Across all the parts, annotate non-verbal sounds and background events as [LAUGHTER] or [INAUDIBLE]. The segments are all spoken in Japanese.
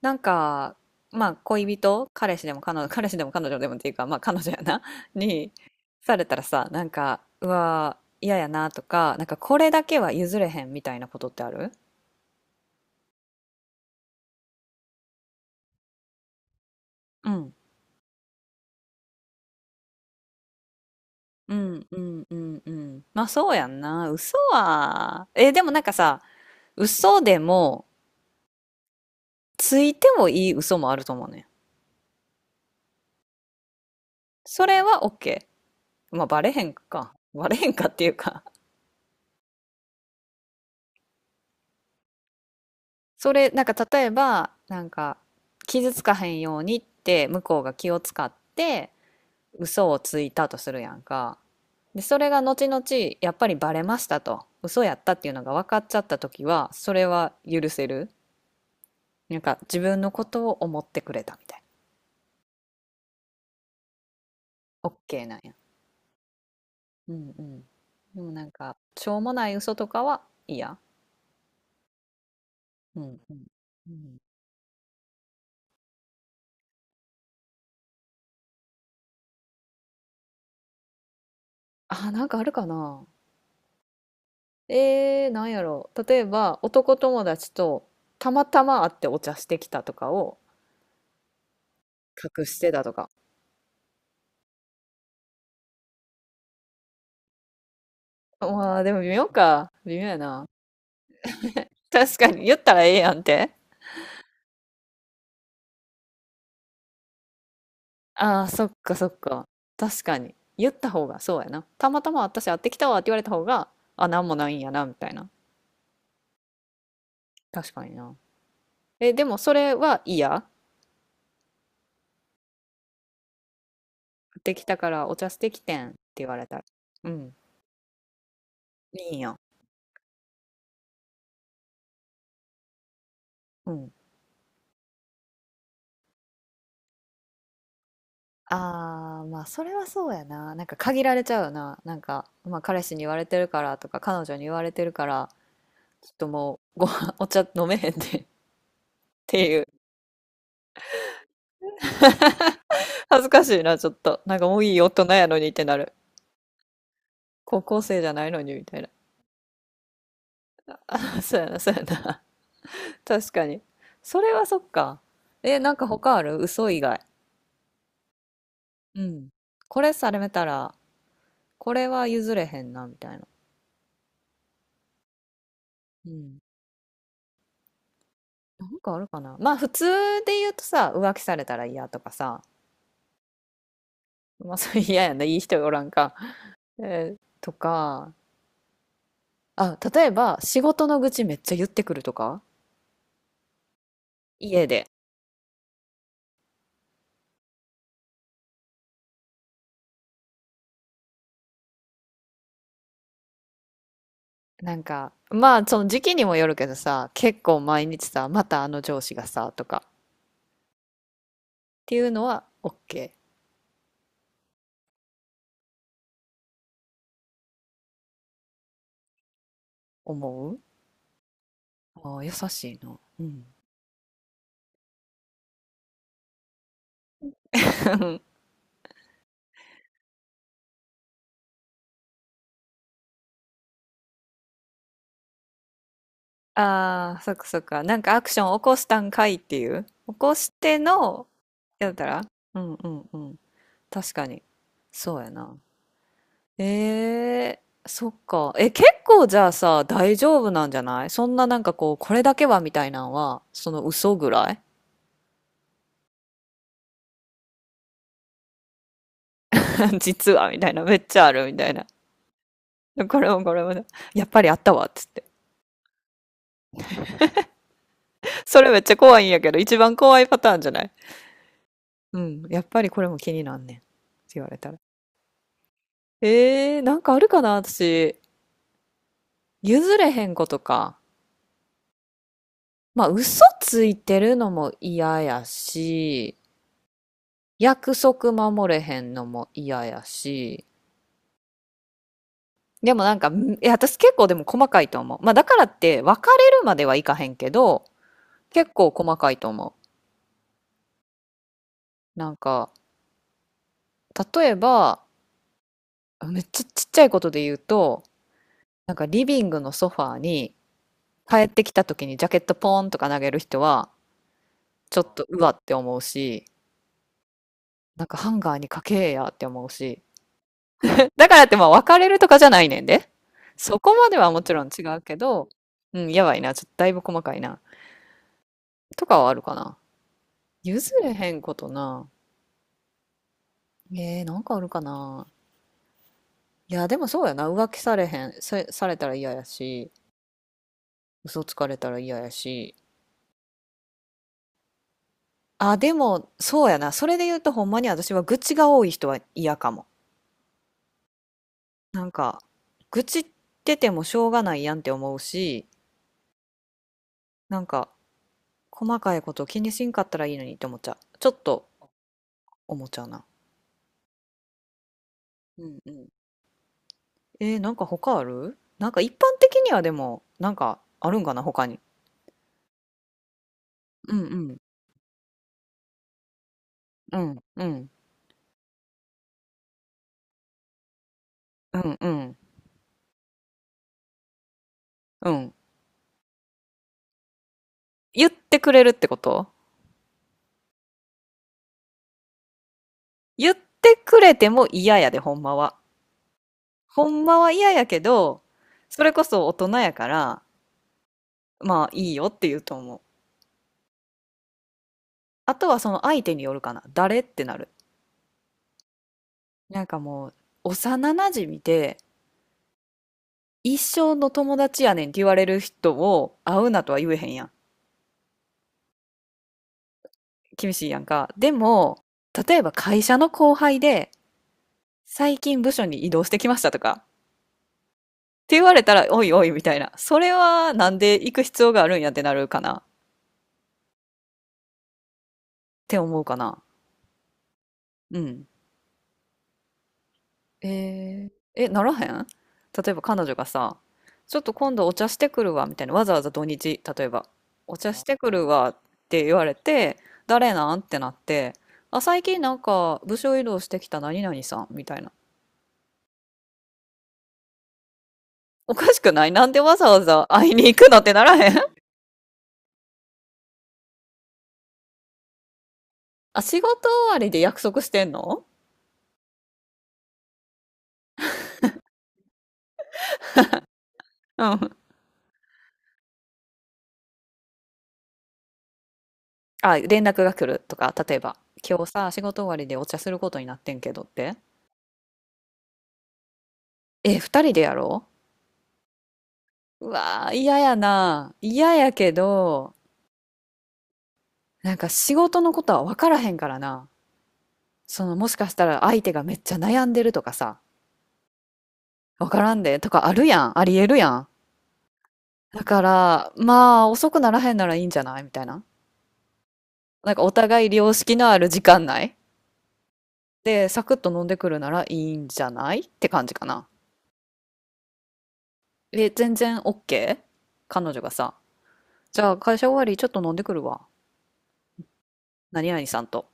なんか、まあ、恋人、彼氏でも彼女でもっていうか、まあ、彼女やな、[LAUGHS] に、されたらさ、なんか、うわー、嫌やなとか、なんか、これだけは譲れへんみたいなことってある？うん。うん、うん、うん、うん。まあ、そうやんな。嘘は、え、でもなんかさ、嘘でも、ついてもいい嘘もあると思うねん。それは OK。まあ、バレへんか。バレへんかっていうかそれ、なんか例えば、なんか、傷つかへんようにって向こうが気を使って嘘をついたとするやんか。で、それが後々やっぱりバレましたと、嘘やったっていうのが分かっちゃった時は、それは許せる。なんか自分のことを思ってくれたみたいな。OK なんや。うんうん。でもなんか、しょうもない嘘とかは嫌。うんうん。うん。あ、なんかあるかな。なんやろう。例えば、男友達とたまたま会ってお茶してきたとかを隠してたとか。まあ、でも微妙か。微妙やな。確かに、言ったらええやんって。ああ、そっかそっか。確かに。言った方が、そうやな。たまたま私会ってきたわって言われた方が、あ、なんもないんやな、みたいな。確かにな。え、でもそれは嫌。会ってきたからお茶してきてんって言われたら。うん。いいんや。うん。ああ、まあ、それはそうやな。なんか限られちゃうよな。なんか、まあ、彼氏に言われてるからとか、彼女に言われてるから、ちょっともう、ご飯、お茶飲めへんで [LAUGHS] っていう。[LAUGHS] 恥ずかしいな、ちょっと。なんかもういい大人やのにってなる。高校生じゃないのにみたいな。[LAUGHS] そうやな、そうやな。[LAUGHS] 確かに。それはそっか。え、なんか他ある？嘘以外。うん。これされたら、これは譲れへんな、みたいな。うん。なんかあるかな。まあ、普通で言うとさ、浮気されたら嫌とかさ、まあ、それ [LAUGHS] 嫌やな、いい人がおらんか。えーとか、あ、例えば、仕事の愚痴めっちゃ言ってくるとか家で。なんか、まあ、その時期にもよるけどさ、結構毎日さ、またあの上司がさ、とか、っていうのは、OK。思う。あー優しいな。うん。[LAUGHS] ああ、そっかそっか。なんかアクション起こしたんかいっていう。起こしての、やったら。うんうんうん。確かに。そうやな。えー、そっか。え、結構じゃあさ、大丈夫なんじゃない？そんな、なんかこう、これだけはみたいなのは、その嘘ぐらい。 [LAUGHS] 実はみたいな、めっちゃあるみたいな。これもこれもね、やっぱりあったわっつって。それめっちゃ怖いんやけど、一番怖いパターンじゃない？うん、やっぱりこれも気になんねん。って言われたら。なんかあるかな私。譲れへんことか。まあ、嘘ついてるのも嫌やし、約束守れへんのも嫌やし、でもなんか、んいや、私結構でも細かいと思う。まあだからって別れるまではいかへんけど、結構細かいと思う。なんか、例えば、めっちゃちっちゃいことで言うと、なんかリビングのソファーに帰ってきた時にジャケットポーンとか投げる人は、ちょっとうわって思うし、なんかハンガーにかけえやって思うし。[LAUGHS] だからってまあ別れるとかじゃないねんで。そこまではもちろん違うけど、うん、やばいな。ちょっとだいぶ細かいな。とかはあるかな。譲れへんことな。なんかあるかな。いや、でもそうやな。浮気されへん。さ、されたら嫌やし、嘘つかれたら嫌やし。あ、でも、そうやな。それで言うと、ほんまに私は愚痴が多い人は嫌かも。あ、愚痴っててもしょうがないやんって思うし、なんか、細かいこと気にしんかったらいいのにって思っちゃう。ちょっと思っちゃうな。うんうん。なんか他ある？なんか一般的にはでも、なんかあるんかな、他に。うんうん。うんうん。うんうん。うん。言ってくれるってこと？言ってくれても嫌やで、ほんまは。ほんまは嫌やけど、それこそ大人やから、まあいいよって言うと思う。あとはその相手によるかな。誰ってなる。なんかもう、幼馴染で、一生の友達やねんって言われる人を会うなとは言えへんやん。厳しいやんか。でも、例えば会社の後輩で、最近部署に移動してきましたとか、って言われたら、おいおいみたいな。それはなんで行く必要があるんやってなるかなって思うかな。うん。ならへん？例えば彼女がさ、ちょっと今度お茶してくるわ、みたいな。わざわざ土日、例えば、お茶してくるわって言われて、誰なんってなって、あ、最近なんか部署移動してきた何々さん、みたいな。おかしくない？なんでわざわざ会いに行くのってならへん？あ、仕事終わりで約束してんの？うん。あ、連絡が来るとか、例えば、今日さ、仕事終わりでお茶することになってんけどって。え、二人で？やろう、うわー、嫌やな。嫌やけど、なんか仕事のことは分からへんからな。その、もしかしたら相手がめっちゃ悩んでるとかさ、分からんでとかあるやん。ありえるやん。だから、まあ、遅くならへんならいいんじゃないみたいな。なんかお互い良識のある時間内で、サクッと飲んでくるならいいんじゃないって感じかな。え、全然 OK？ 彼女がさ、じゃあ会社終わりちょっと飲んでくるわ。何々さんと。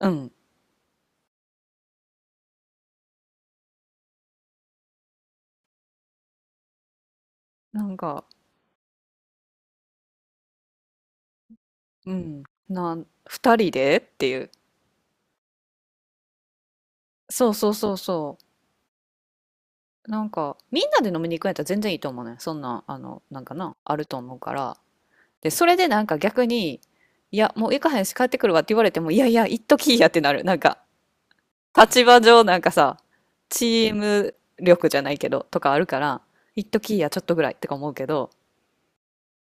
うん。なんか、うん。な、二人でっていう。そうそうそうそう。なんか、みんなで飲みに行くんやったら全然いいと思うね。そんな、あの、なんかな、あると思うから。で、それでなんか逆に、いや、もう行かへんし帰ってくるわって言われても、いやいや、行っときいやってなる。なんか、立場上なんかさ、チーム力じゃないけど、とかあるから、行っときいや、ちょっとぐらいってか思うけど、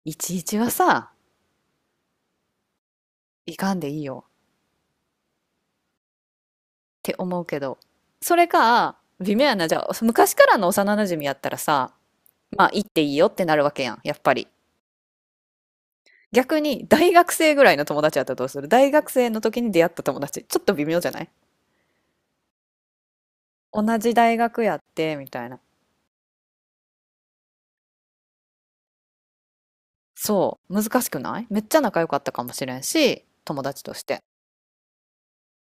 いちいちはさ、行かんでいいよって思うけど、それか、微妙やな、じゃあ、昔からの幼馴染やったらさ、まあ、行っていいよってなるわけやん、やっぱり。逆に大学生ぐらいの友達やったらどうする？大学生の時に出会った友達。ちょっと微妙じゃない？同じ大学やって、みたいな。そう。難しくない？めっちゃ仲良かったかもしれんし、友達として。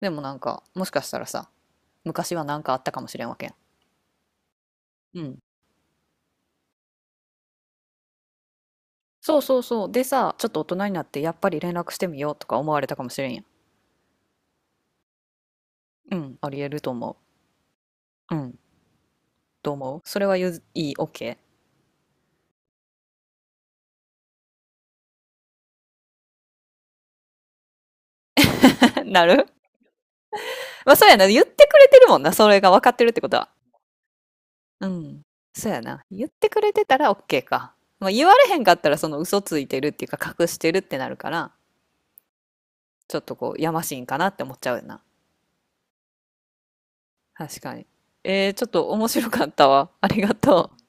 でもなんか、もしかしたらさ、昔はなんかあったかもしれんわけやん。うん。そうそうそう。でさ、ちょっと大人になってやっぱり連絡してみようとか思われたかもしれんやん。うん。ありえると思う。うん。どう思う？それはゆず、いい、OK？ [LAUGHS] なる。まあそうやな。言ってくれてるもんな。それが分かってるってことは。うん。そうやな。言ってくれてたら OK か。まあ、言われへんかったらその嘘ついてるっていうか隠してるってなるから、ちょっとこうやましいんかなって思っちゃうよな。確かに。ちょっと面白かったわ。ありがとう。